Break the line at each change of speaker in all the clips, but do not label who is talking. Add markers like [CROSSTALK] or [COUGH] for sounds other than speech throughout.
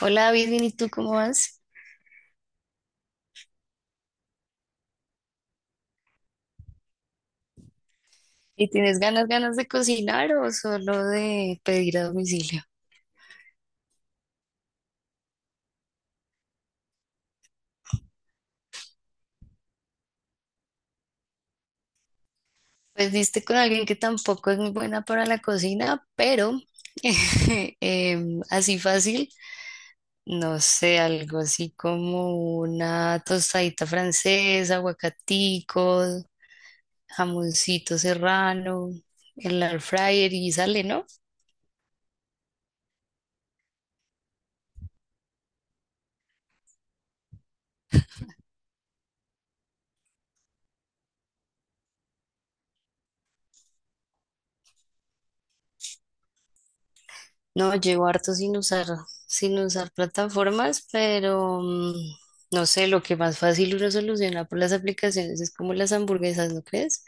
Hola David, bien, ¿y tú cómo vas? ¿Y tienes ganas de cocinar o solo de pedir a domicilio? Pues diste con alguien que tampoco es muy buena para la cocina, pero [LAUGHS] así fácil, no sé, algo así como una tostadita francesa, aguacatico, jamoncito serrano, el air fryer y sale, ¿no? No, llevo harto sin usar plataformas, pero no sé, lo que más fácil uno soluciona por las aplicaciones es como las hamburguesas, ¿no crees?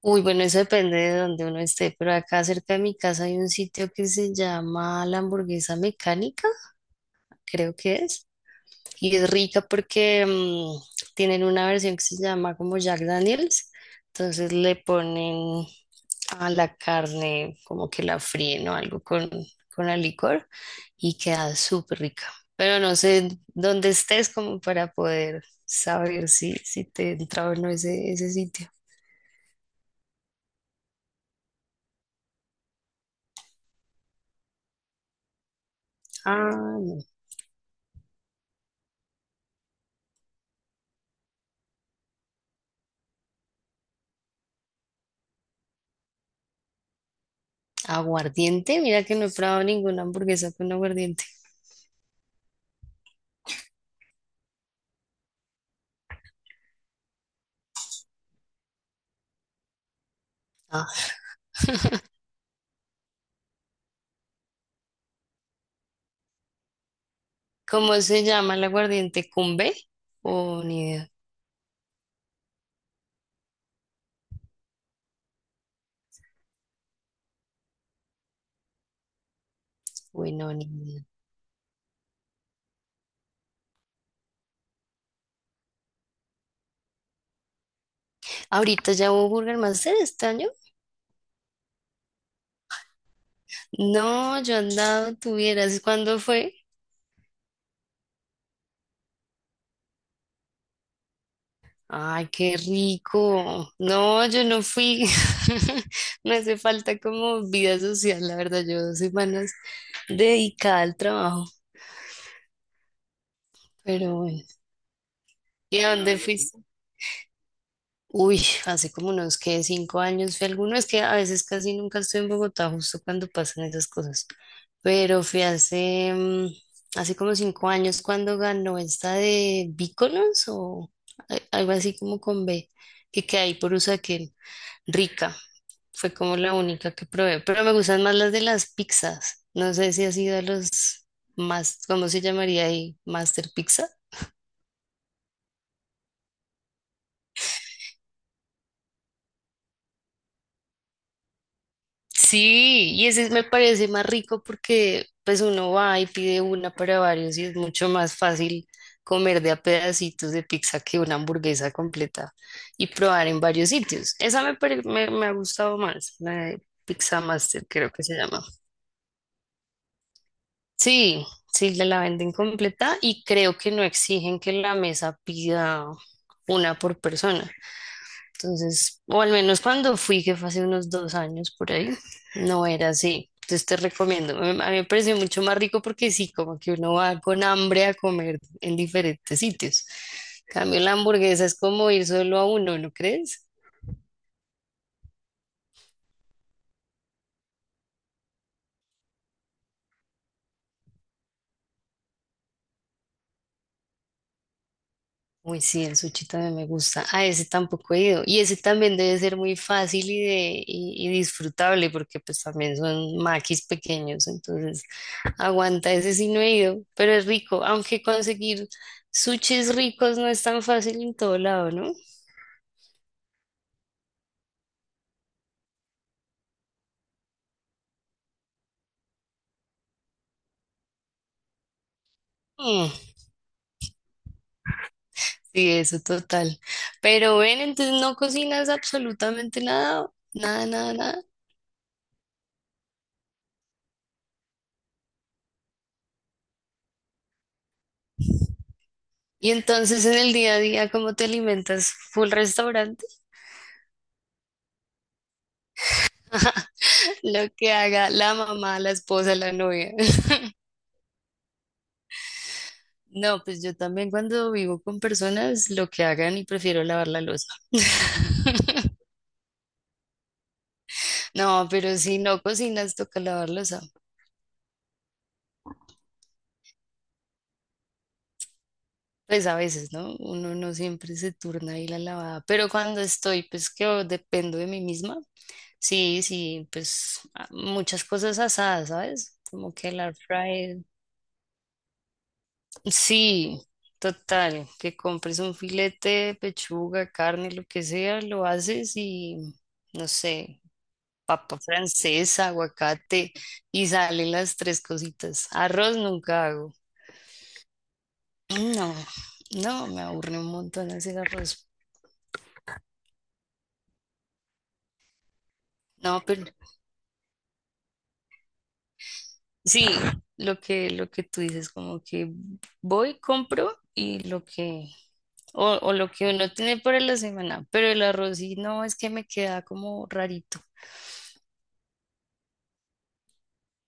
Uy, bueno, eso depende de donde uno esté, pero acá cerca de mi casa hay un sitio que se llama La Hamburguesa Mecánica, creo que es, y es rica porque tienen una versión que se llama como Jack Daniels, entonces le ponen a la carne, como que la fríen o algo con el licor y queda súper rica. Pero no sé dónde estés como para poder saber si te entra o no ese sitio. Ah, no. Aguardiente, mira que no he probado ninguna hamburguesa con aguardiente. Ah, ¿cómo se llama el aguardiente? ¿Cumbe? Oh, ni idea. Uy, no, ni idea. Ahorita ya hubo Burger Master este año. No, yo andaba, tuvieras. ¿Cuándo fue? Ay, qué rico. No, yo no fui. [LAUGHS] Me hace falta como vida social, la verdad. Yo 2 semanas dedicada al trabajo, pero bueno. ¿Y a dónde fuiste? Uy, hace como unos que 5 años fui a alguno. Es que a veces casi nunca estoy en Bogotá, justo cuando pasan esas cosas. Pero fui hace, mm, hace como 5 años cuando ganó esta de Víconos o algo así como con B, que queda ahí por Usaquén, rica. Fue como la única que probé, pero me gustan más las de las pizzas. No sé si ha sido a los más, ¿cómo se llamaría ahí? Master Pizza. Sí, y ese me parece más rico porque pues uno va y pide una para varios y es mucho más fácil comer de a pedacitos de pizza que una hamburguesa completa y probar en varios sitios. Esa me ha gustado más, la de Pizza Master creo que se llama. Sí, sí, la venden completa y creo que no exigen que la mesa pida una por persona. Entonces, o al menos cuando fui, que fue hace unos 2 años por ahí, no era así. Entonces te recomiendo. A mí me pareció mucho más rico porque sí, como que uno va con hambre a comer en diferentes sitios. En cambio, la hamburguesa es como ir solo a uno, ¿no crees? Uy, sí, el sushi también me gusta. Ah, ese tampoco he ido. Y ese también debe ser muy fácil y disfrutable porque pues también son maquis pequeños, entonces aguanta, ese sí no he ido, pero es rico, aunque conseguir sushis ricos no es tan fácil en todo lado, ¿no? Mm, sí, eso total. Pero ven, entonces no cocinas absolutamente nada, nada, nada, nada. Y entonces en el día a día, ¿cómo te alimentas? ¿Full restaurante? [LAUGHS] Lo que haga la mamá, la esposa, la novia. [LAUGHS] No, pues yo también cuando vivo con personas, lo que hagan y prefiero lavar la losa. [LAUGHS] No, pero si no cocinas, toca lavar losa. Pues a veces, ¿no? Uno no siempre se turna ahí la lavada. Pero cuando estoy, pues que dependo de mí misma. Sí, sí, pues muchas cosas asadas, ¿sabes? Como que el air fryer. Sí, total, que compres un filete, pechuga, carne, lo que sea, lo haces y, no sé, papa francesa, aguacate y salen las tres cositas. Arroz nunca hago. Mm, no, no, me aburre un montón hacer arroz. No, pero sí, lo que tú dices, como que voy, compro y lo que, o lo que uno tiene para la semana, pero el arroz sí, no, es que me queda como rarito.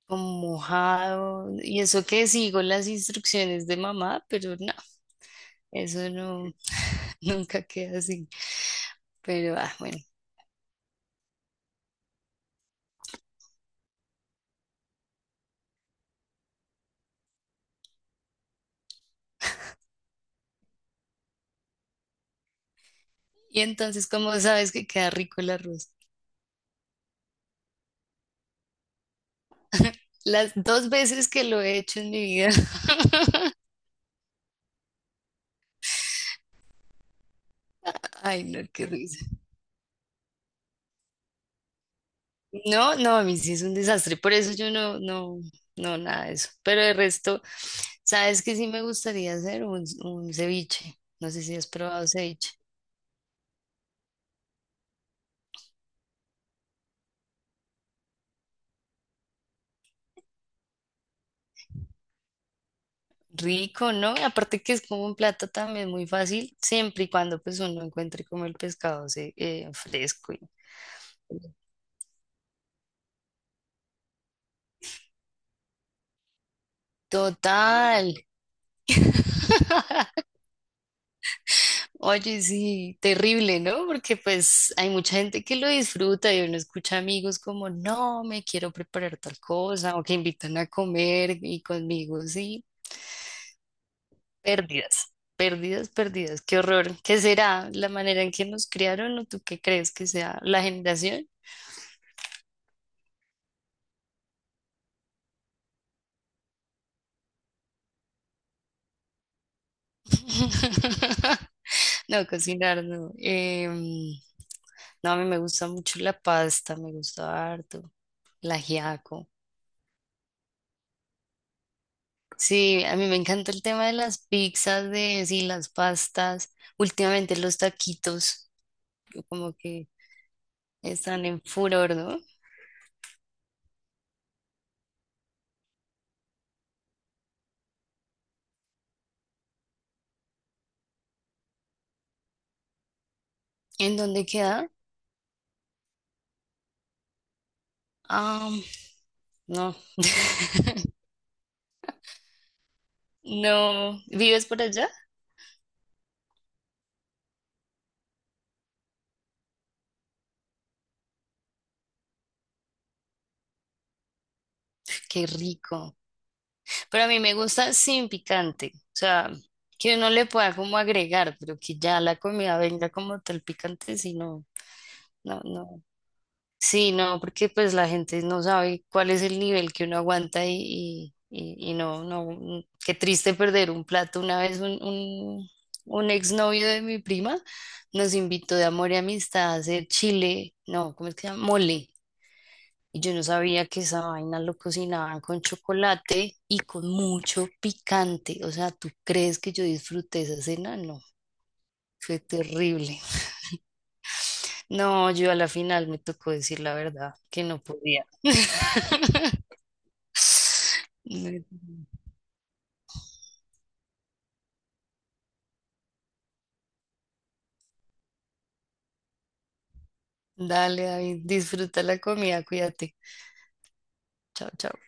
Como mojado. Y eso que sigo las instrucciones de mamá, pero no, eso no, [LAUGHS] nunca queda así. Pero ah, bueno. Y entonces, ¿cómo sabes que queda rico el arroz? Las dos veces que lo he hecho en mi vida, [LAUGHS] ay, no, qué risa. No, no, a mí sí es un desastre, por eso yo no, no, no, nada de eso. Pero el resto, ¿sabes qué sí me gustaría hacer? Un ceviche. No sé si has probado ceviche. Rico, ¿no? Aparte que es como un plato también muy fácil, siempre y cuando pues uno encuentre como el pescado fresco. Total. [LAUGHS] Oye, sí, terrible, ¿no? Porque pues hay mucha gente que lo disfruta y uno escucha amigos como, no, me quiero preparar tal cosa o que invitan a comer y conmigo, sí, pérdidas, pérdidas, pérdidas, qué horror. ¿Qué será la manera en que nos criaron o tú qué crees que sea la generación? [LAUGHS] No, cocinar no. No, a mí me gusta mucho la pasta, me gusta harto, el ajiaco. Sí, a mí me encanta el tema de las pizzas, de sí, las pastas. Últimamente los taquitos, que como que están en furor, ¿no? ¿En dónde queda? Ah, no. [LAUGHS] No. ¿Vives por allá? Qué rico. Pero a mí me gusta sin picante. O sea, que uno le pueda como agregar, pero que ya la comida venga como tal picante, sino No, no. Sí, no, porque pues la gente no sabe cuál es el nivel que uno aguanta y no, no, mm, qué triste perder un plato. Una vez un, exnovio de mi prima nos invitó de amor y amistad a hacer chile, no, ¿cómo es que se llama? Mole. Y yo no sabía que esa vaina lo cocinaban con chocolate y con mucho picante. O sea, ¿tú crees que yo disfruté esa cena? No, fue terrible. No, yo a la final me tocó decir la verdad, que no podía. [LAUGHS] Dale, David, disfruta la comida, cuídate. Chao, chao.